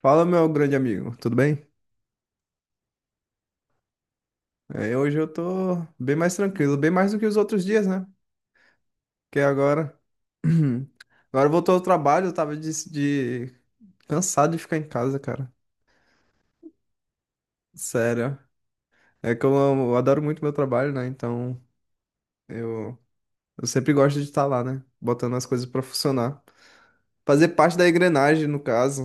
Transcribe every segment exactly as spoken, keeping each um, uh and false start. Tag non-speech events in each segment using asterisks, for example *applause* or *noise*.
Fala, meu grande amigo, tudo bem? É, hoje eu tô bem mais tranquilo, bem mais do que os outros dias, né? Que agora. *clears throat* Agora voltou ao trabalho, eu tava de, de- cansado de ficar em casa, cara. Sério. É que eu, amo- eu adoro muito meu trabalho, né? Então eu, eu sempre gosto de estar lá, né? Botando as coisas pra funcionar. Fazer parte da engrenagem, no caso.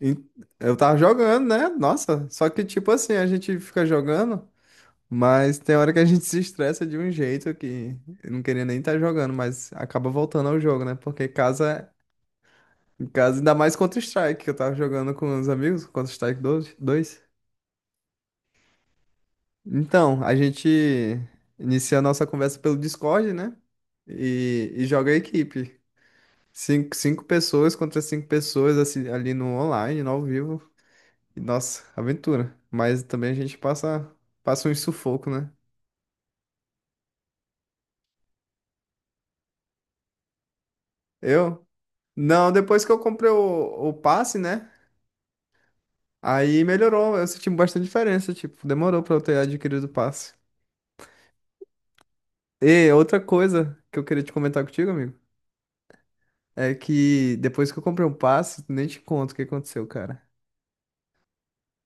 E eu tava jogando, né? Nossa, só que tipo assim, a gente fica jogando. Mas tem hora que a gente *laughs* se estressa de um jeito que eu não queria nem estar jogando, mas acaba voltando ao jogo, né? Porque casa, casa ainda mais Counter-Strike, que eu tava jogando com os amigos, Counter-Strike dois. dois. Então, a gente inicia a nossa conversa pelo Discord, né? E, e joga a equipe. Cinco, cinco pessoas contra cinco pessoas assim, ali no online, no ao vivo. E, nossa, aventura. Mas também a gente passa, passa um sufoco, né? Eu. Não, depois que eu comprei o, o passe, né? Aí melhorou, eu senti bastante diferença, tipo, demorou pra eu ter adquirido o passe. E outra coisa que eu queria te comentar contigo, amigo, é que depois que eu comprei um passe, nem te conto o que aconteceu, cara.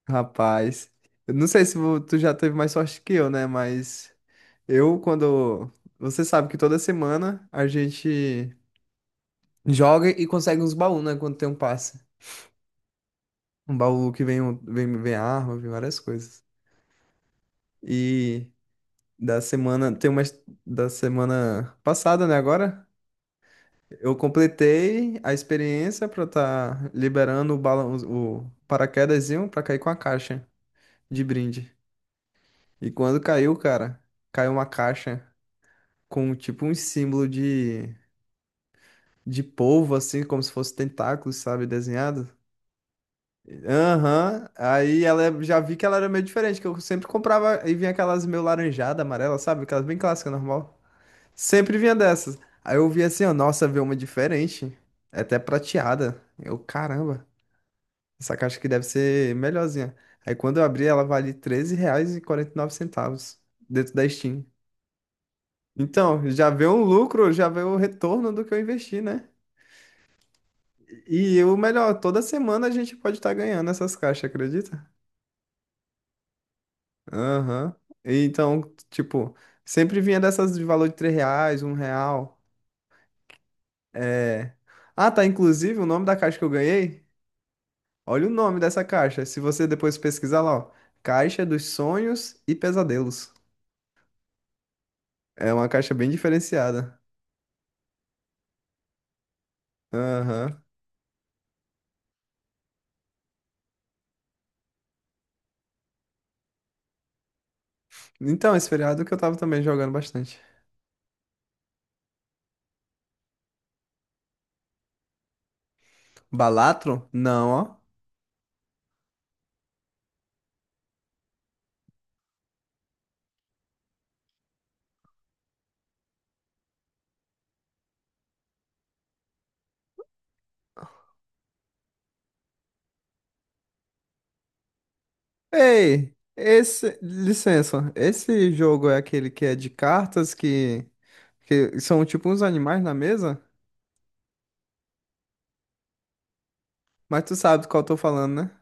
Rapaz, eu não sei se vo- tu já teve mais sorte que eu, né? Mas eu, quando. Você sabe que toda semana a gente joga e consegue uns baús, né? Quando tem um passe. Um baú que vem, um- vem, vem arma, vem várias coisas. E da semana. Tem umas da semana passada, né? Agora. Eu completei a experiência pra estar liberando o balão, o paraquedazinho pra cair com a caixa de brinde. E quando caiu, cara, caiu uma caixa com tipo um símbolo de, de polvo, assim, como se fosse tentáculos, sabe, desenhado. Aham, aí ela é- já vi que ela era meio diferente, que eu sempre comprava e vinha aquelas meio laranjada, amarela, sabe, aquelas bem clássicas, normal. Sempre vinha dessas. Aí eu vi assim, ó, nossa, veio uma diferente, é até prateada. Eu, caramba. Essa caixa aqui deve ser melhorzinha. Aí quando eu abri, ela vale treze reais e e quarenta e nove centavos dentro da Steam. Então, já veio um lucro, já veio o retorno do que eu investi, né? E o melhor, toda semana a gente pode estar ganhando essas caixas, acredita? Aham. E então, tipo, sempre vinha dessas de valor de três reais, um real. É... Ah, tá, inclusive o nome da caixa que eu ganhei. Olha o nome dessa caixa. Se você depois pesquisar lá, ó. Caixa dos Sonhos e Pesadelos. É uma caixa bem diferenciada. Aham. Então, esse feriado que eu tava também jogando bastante. Balatro? Não, ó. Ei, esse. Licença. Esse jogo é aquele que é de cartas que. Que são tipo uns animais na mesa? Mas tu sabe do qual eu tô falando, né?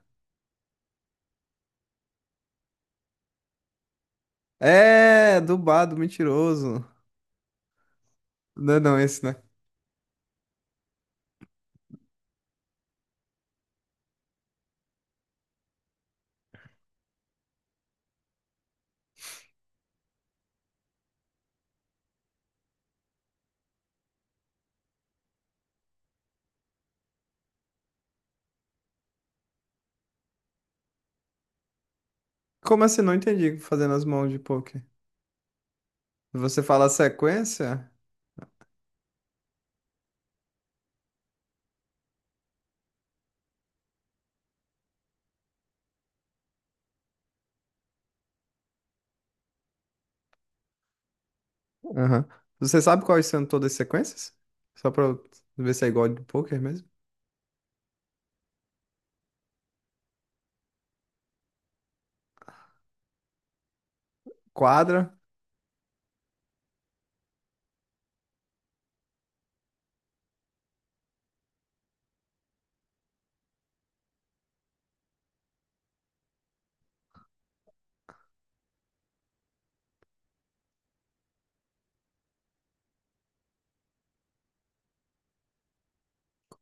É, do bado mentiroso. Não é não esse, né? Como assim? Não entendi fazendo as mãos de poker. Você fala sequência? Aham. Você sabe quais são todas as sequências? Só pra eu ver se é igual de poker mesmo? Quadra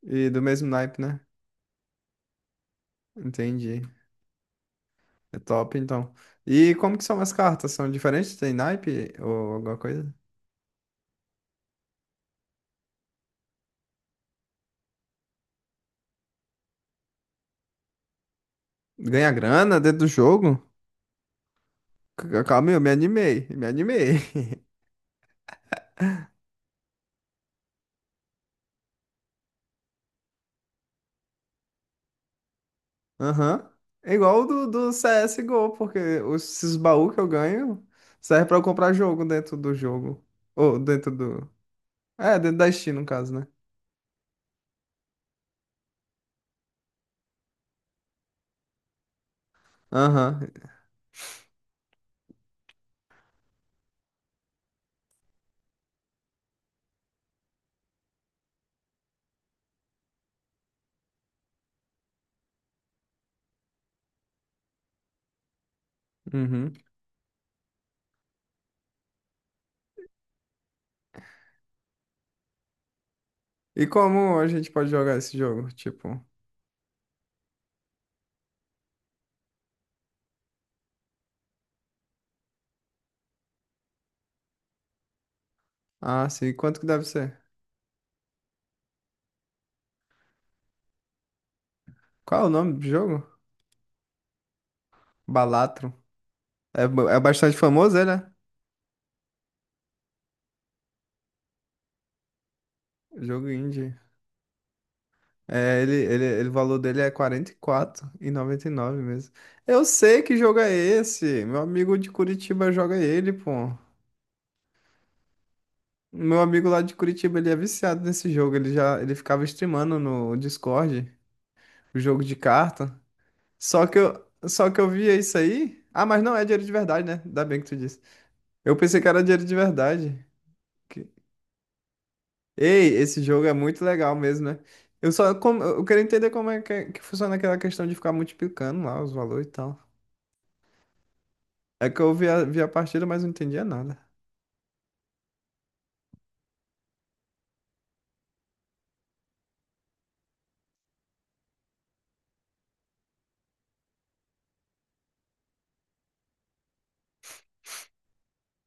e do mesmo naipe, né? Entendi. É top, então. E como que são as cartas? São diferentes? Tem naipe ou alguma coisa? Ganha grana dentro do jogo? C- Calma, aí, eu me animei. Me animei. *laughs* Aham. É igual o do, do C S G O, porque os, esses baús que eu ganho serve pra eu comprar jogo dentro do jogo. Ou dentro do. É, dentro da Steam, no caso, né? Aham. Uhum. E como a gente pode jogar esse jogo? Tipo. Ah, sim. Quanto que deve ser? Qual é o nome do jogo? Balatro. É, ba- é bastante famoso, ele, né? Jogo indie. É, ele, ele, ele, o valor dele é quarenta e e e quatro noventa e nove mesmo. Eu sei que jogo é esse. Meu amigo de Curitiba joga ele, pô. Meu amigo lá de Curitiba, ele é viciado nesse jogo. Ele já, ele ficava streamando no Discord, o jogo de carta. Só que eu, só que eu via isso aí. Ah, mas não é dinheiro de verdade, né? Ainda bem que tu disse. Eu pensei que era dinheiro de verdade. Ei, esse jogo é muito legal mesmo, né? Eu só como, eu quero entender como é que, é- que funciona aquela questão de ficar multiplicando lá os valores e tal. É que eu vi a, vi a partida, mas não entendia nada.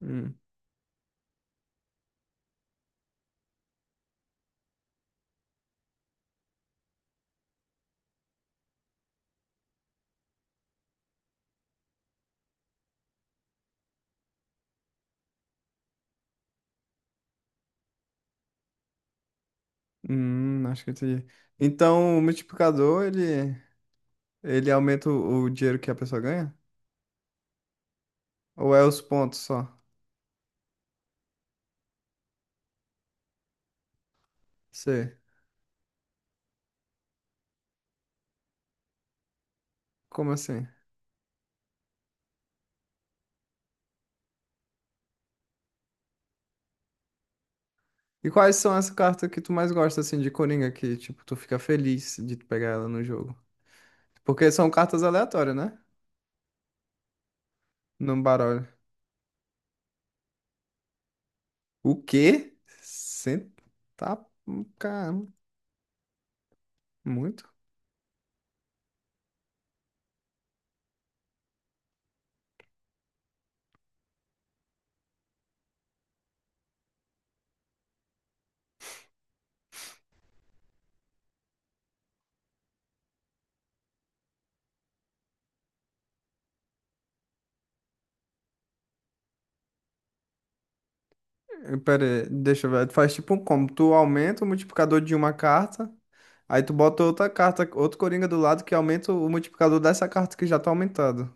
Hum, hum, acho que eu entendi. Então, o multiplicador, ele, ele aumenta o, o dinheiro que a pessoa ganha? Ou é os pontos só? Sei. Como assim? E quais são as cartas que tu mais gosta, assim, de Coringa, que, tipo, tu fica feliz de pegar ela no jogo? Porque são cartas aleatórias, né? No baralho. O quê? Cê tá. hum, Caramba, muito. Eh, pera aí, deixa eu ver. Tu faz tipo um combo. Tu aumenta o multiplicador de uma carta, aí tu bota outra carta, outro coringa do lado que aumenta o multiplicador dessa carta que já tá aumentado.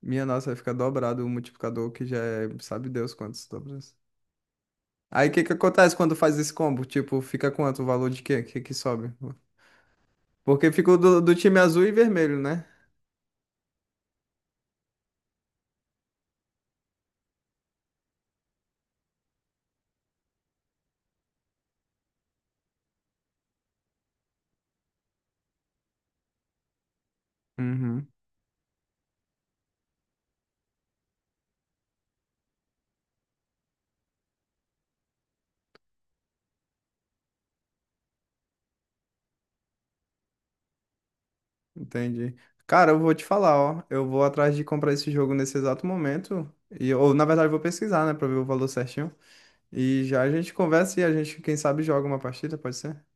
Minha nossa, vai ficar dobrado o multiplicador que já é, sabe Deus quantos dobras. Aí o que que acontece quando faz esse combo? Tipo, fica quanto o valor de quê? O que que sobe? Porque ficou do, do time azul e vermelho, né? Uhum. Entendi. Cara, eu vou te falar, ó. Eu vou atrás de comprar esse jogo nesse exato momento. E, ou, na verdade, eu vou pesquisar, né, pra ver o valor certinho. E já a gente conversa e a gente, quem sabe, joga uma partida, pode ser?